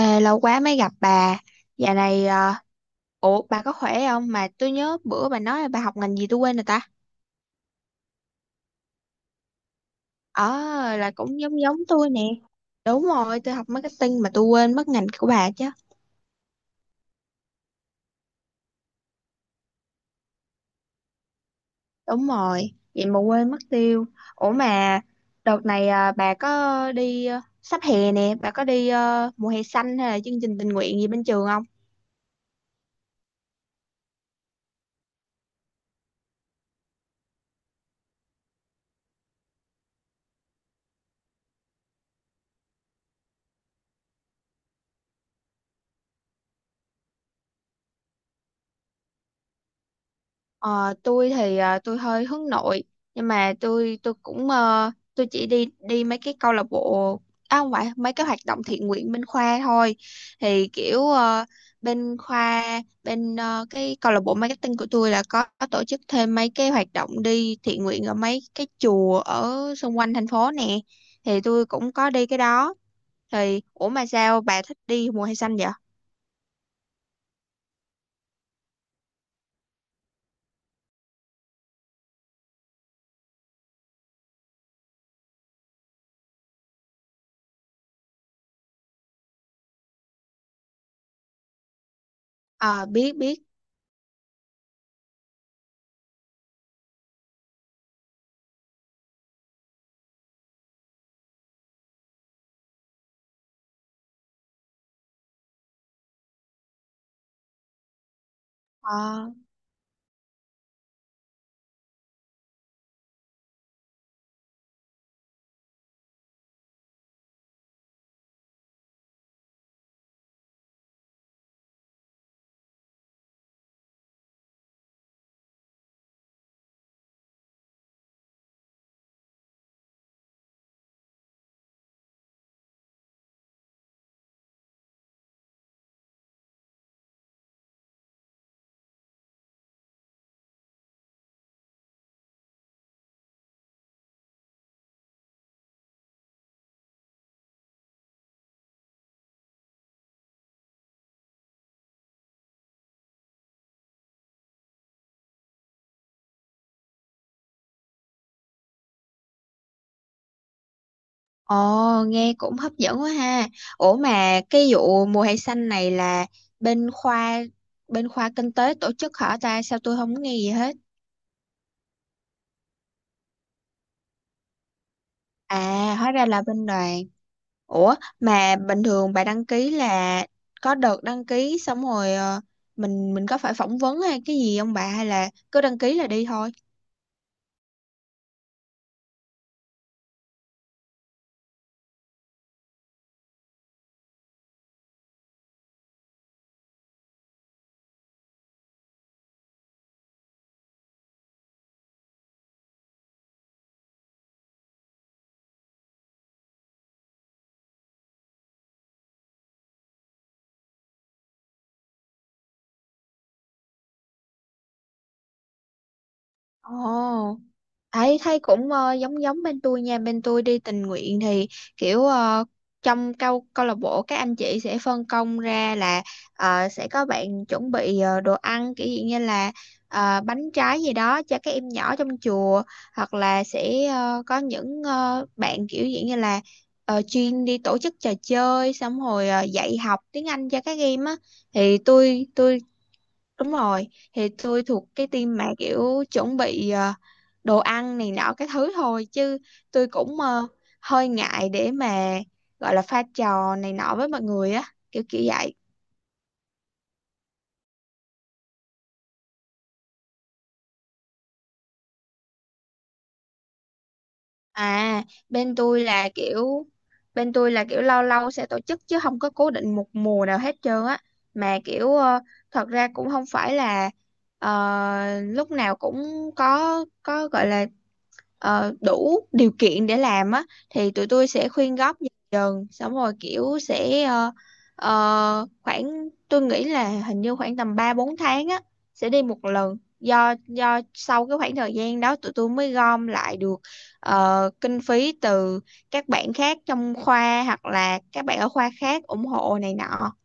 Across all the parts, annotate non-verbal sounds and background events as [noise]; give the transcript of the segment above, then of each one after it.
Ê, lâu quá mới gặp bà. Dạo này, ủa bà có khỏe không? Mà tôi nhớ bữa bà nói là bà học ngành gì tôi quên rồi ta. Ờ, là cũng giống giống tôi nè. Đúng rồi, tôi học marketing mà tôi quên mất ngành của bà chứ. Đúng rồi, vậy mà quên mất tiêu. Ủa mà đợt này bà có đi sắp hè nè, bà có đi mùa hè xanh hay là chương trình tình nguyện gì bên trường? Ờ, tôi thì tôi hơi hướng nội, nhưng mà tôi cũng tôi chỉ đi đi mấy cái câu lạc bộ, à không, phải mấy cái hoạt động thiện nguyện bên khoa thôi. Thì kiểu bên khoa, bên cái câu lạc bộ marketing của tôi là có tổ chức thêm mấy cái hoạt động đi thiện nguyện ở mấy cái chùa ở xung quanh thành phố nè, thì tôi cũng có đi cái đó. Thì ủa mà sao bà thích đi mùa hè xanh vậy? Ờ, biết biết. Ờ. Ồ, nghe cũng hấp dẫn quá ha. Ủa mà cái vụ mùa hè xanh này là bên khoa, bên khoa kinh tế tổ chức hả ta? Sao tôi không nghe gì hết? À, hóa ra là bên đoàn. Ủa mà bình thường bà đăng ký là có đợt đăng ký xong rồi, mình có phải phỏng vấn hay cái gì không bà, hay là cứ đăng ký là đi thôi? Ồ. Thấy thấy cũng giống giống bên tôi nha. Bên tôi đi tình nguyện thì kiểu trong câu câu lạc bộ các anh chị sẽ phân công ra là sẽ có bạn chuẩn bị đồ ăn, kiểu gì như là bánh trái gì đó cho các em nhỏ trong chùa, hoặc là sẽ có những bạn kiểu gì như là chuyên đi tổ chức trò chơi, xong rồi dạy học tiếng Anh cho các em á, thì tôi Đúng rồi, thì tôi thuộc cái team mà kiểu chuẩn bị đồ ăn này nọ cái thứ thôi, chứ tôi cũng hơi ngại để mà gọi là pha trò này nọ với mọi người á, kiểu kiểu vậy. À, bên tôi là kiểu, bên tôi là kiểu lâu lâu sẽ tổ chức chứ không có cố định một mùa nào hết trơn á, mà kiểu thật ra cũng không phải là lúc nào cũng có gọi là đủ điều kiện để làm á, thì tụi tôi sẽ khuyên góp dần dần xong rồi kiểu sẽ khoảng tôi nghĩ là hình như khoảng tầm 3 4 tháng á sẽ đi một lần, do sau cái khoảng thời gian đó tụi tôi mới gom lại được kinh phí từ các bạn khác trong khoa hoặc là các bạn ở khoa khác ủng hộ này nọ.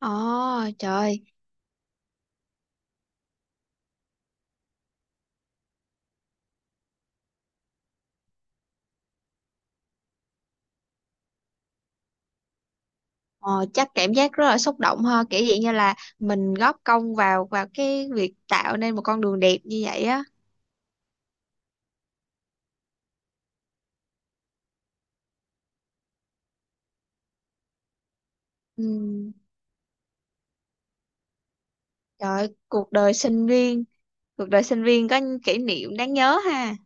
Ồ, trời. Ờ, chắc cảm giác rất là xúc động ha, kiểu vậy như là mình góp công vào vào cái việc tạo nên một con đường đẹp như vậy á. Ừ. Trời ơi, cuộc đời sinh viên, cuộc đời sinh viên có những kỷ niệm đáng nhớ ha.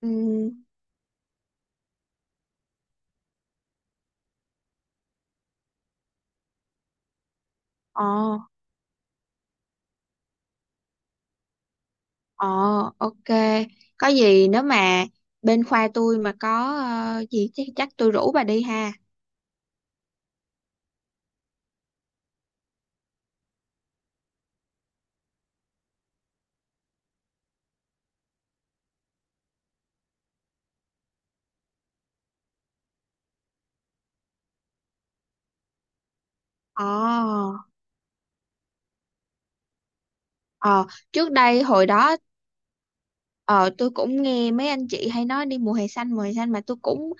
Ừ. Ờ. Ờ. Ok, có gì nếu mà bên khoa tôi mà có gì chắc, chắc tôi rủ bà đi ha. Ờ. Ờ, trước đây hồi đó ờ tôi cũng nghe mấy anh chị hay nói đi mùa hè xanh, mùa hè xanh, mà tôi cũng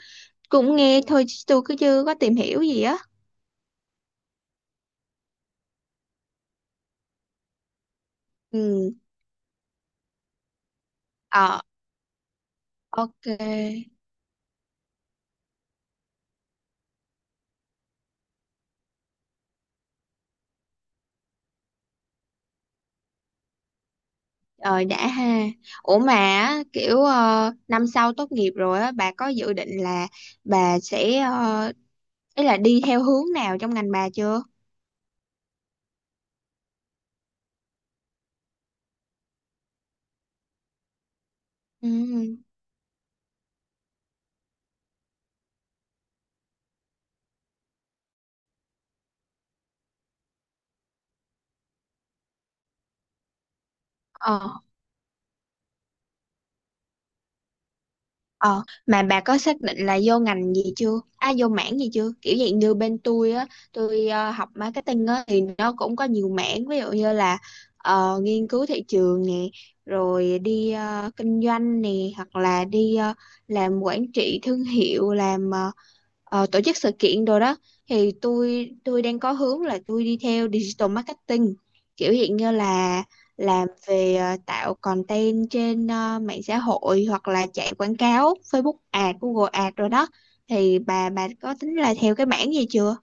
cũng nghe thôi chứ tôi cứ chưa có tìm hiểu gì á. Ừ. Ờ. Ok. Rồi đã ha. Ủa mà á, kiểu năm sau tốt nghiệp rồi á, bà có dự định là bà sẽ ý là đi theo hướng nào trong ngành bà chưa? Ừ. Ờ. Ờ, mà bà có xác định là vô ngành gì chưa? À, vô mảng gì chưa? Kiểu dạng như bên tôi á, tôi học marketing á thì nó cũng có nhiều mảng, ví dụ như là nghiên cứu thị trường nè, rồi đi kinh doanh nè, hoặc là đi làm quản trị thương hiệu, làm tổ chức sự kiện đồ đó. Thì tôi đang có hướng là tôi đi theo digital marketing, kiểu dạng như là làm về tạo content trên mạng xã hội hoặc là chạy quảng cáo Facebook Ad, Google Ad rồi đó, thì bà có tính là theo cái mảng gì chưa?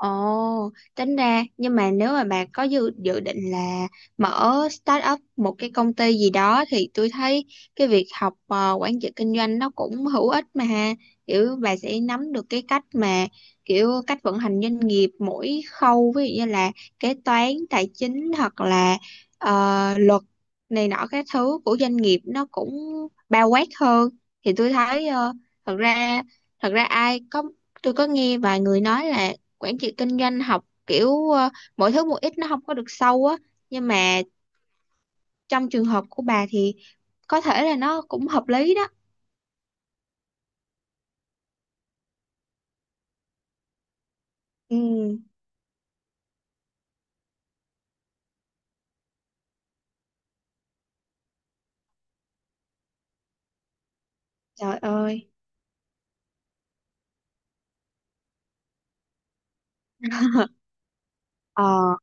Ồ, tính ra nhưng mà nếu mà bà có dự dự định là mở start up một cái công ty gì đó thì tôi thấy cái việc học quản trị kinh doanh nó cũng hữu ích mà ha. Kiểu bà sẽ nắm được cái cách mà kiểu cách vận hành doanh nghiệp mỗi khâu, ví dụ như là kế toán, tài chính hoặc là ờ, luật này nọ các thứ của doanh nghiệp nó cũng bao quát hơn. Thì tôi thấy thật ra, thật ra ai có tôi có nghe vài người nói là quản trị kinh doanh học kiểu mỗi thứ một ít nó không có được sâu á, nhưng mà trong trường hợp của bà thì có thể là nó cũng hợp lý đó. Ừ. Trời ơi. [laughs] Ờ.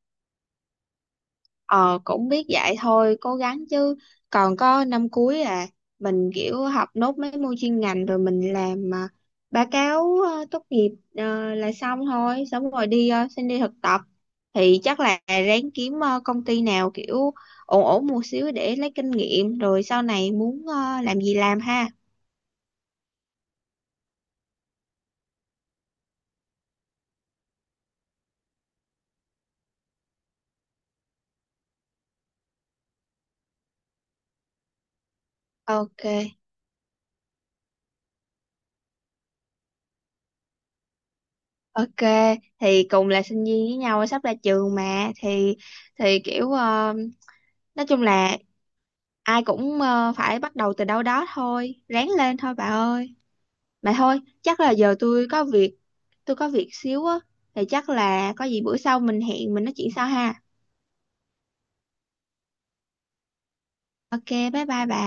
Ờ, cũng biết vậy thôi cố gắng chứ, còn có năm cuối à, mình kiểu học nốt mấy môn chuyên ngành rồi mình làm báo cáo tốt nghiệp là xong thôi, xong rồi đi xin đi thực tập, thì chắc là ráng kiếm công ty nào kiểu ổn ổn một xíu để lấy kinh nghiệm rồi sau này muốn làm gì làm ha. Ok. Ok. Thì cùng là sinh viên với nhau sắp ra trường mà, thì kiểu nói chung là ai cũng phải bắt đầu từ đâu đó thôi, ráng lên thôi bà ơi. Bà thôi chắc là giờ tôi có việc, tôi có việc xíu á, thì chắc là có gì bữa sau mình hẹn mình nói chuyện sau ha. Ok, bye bye bà.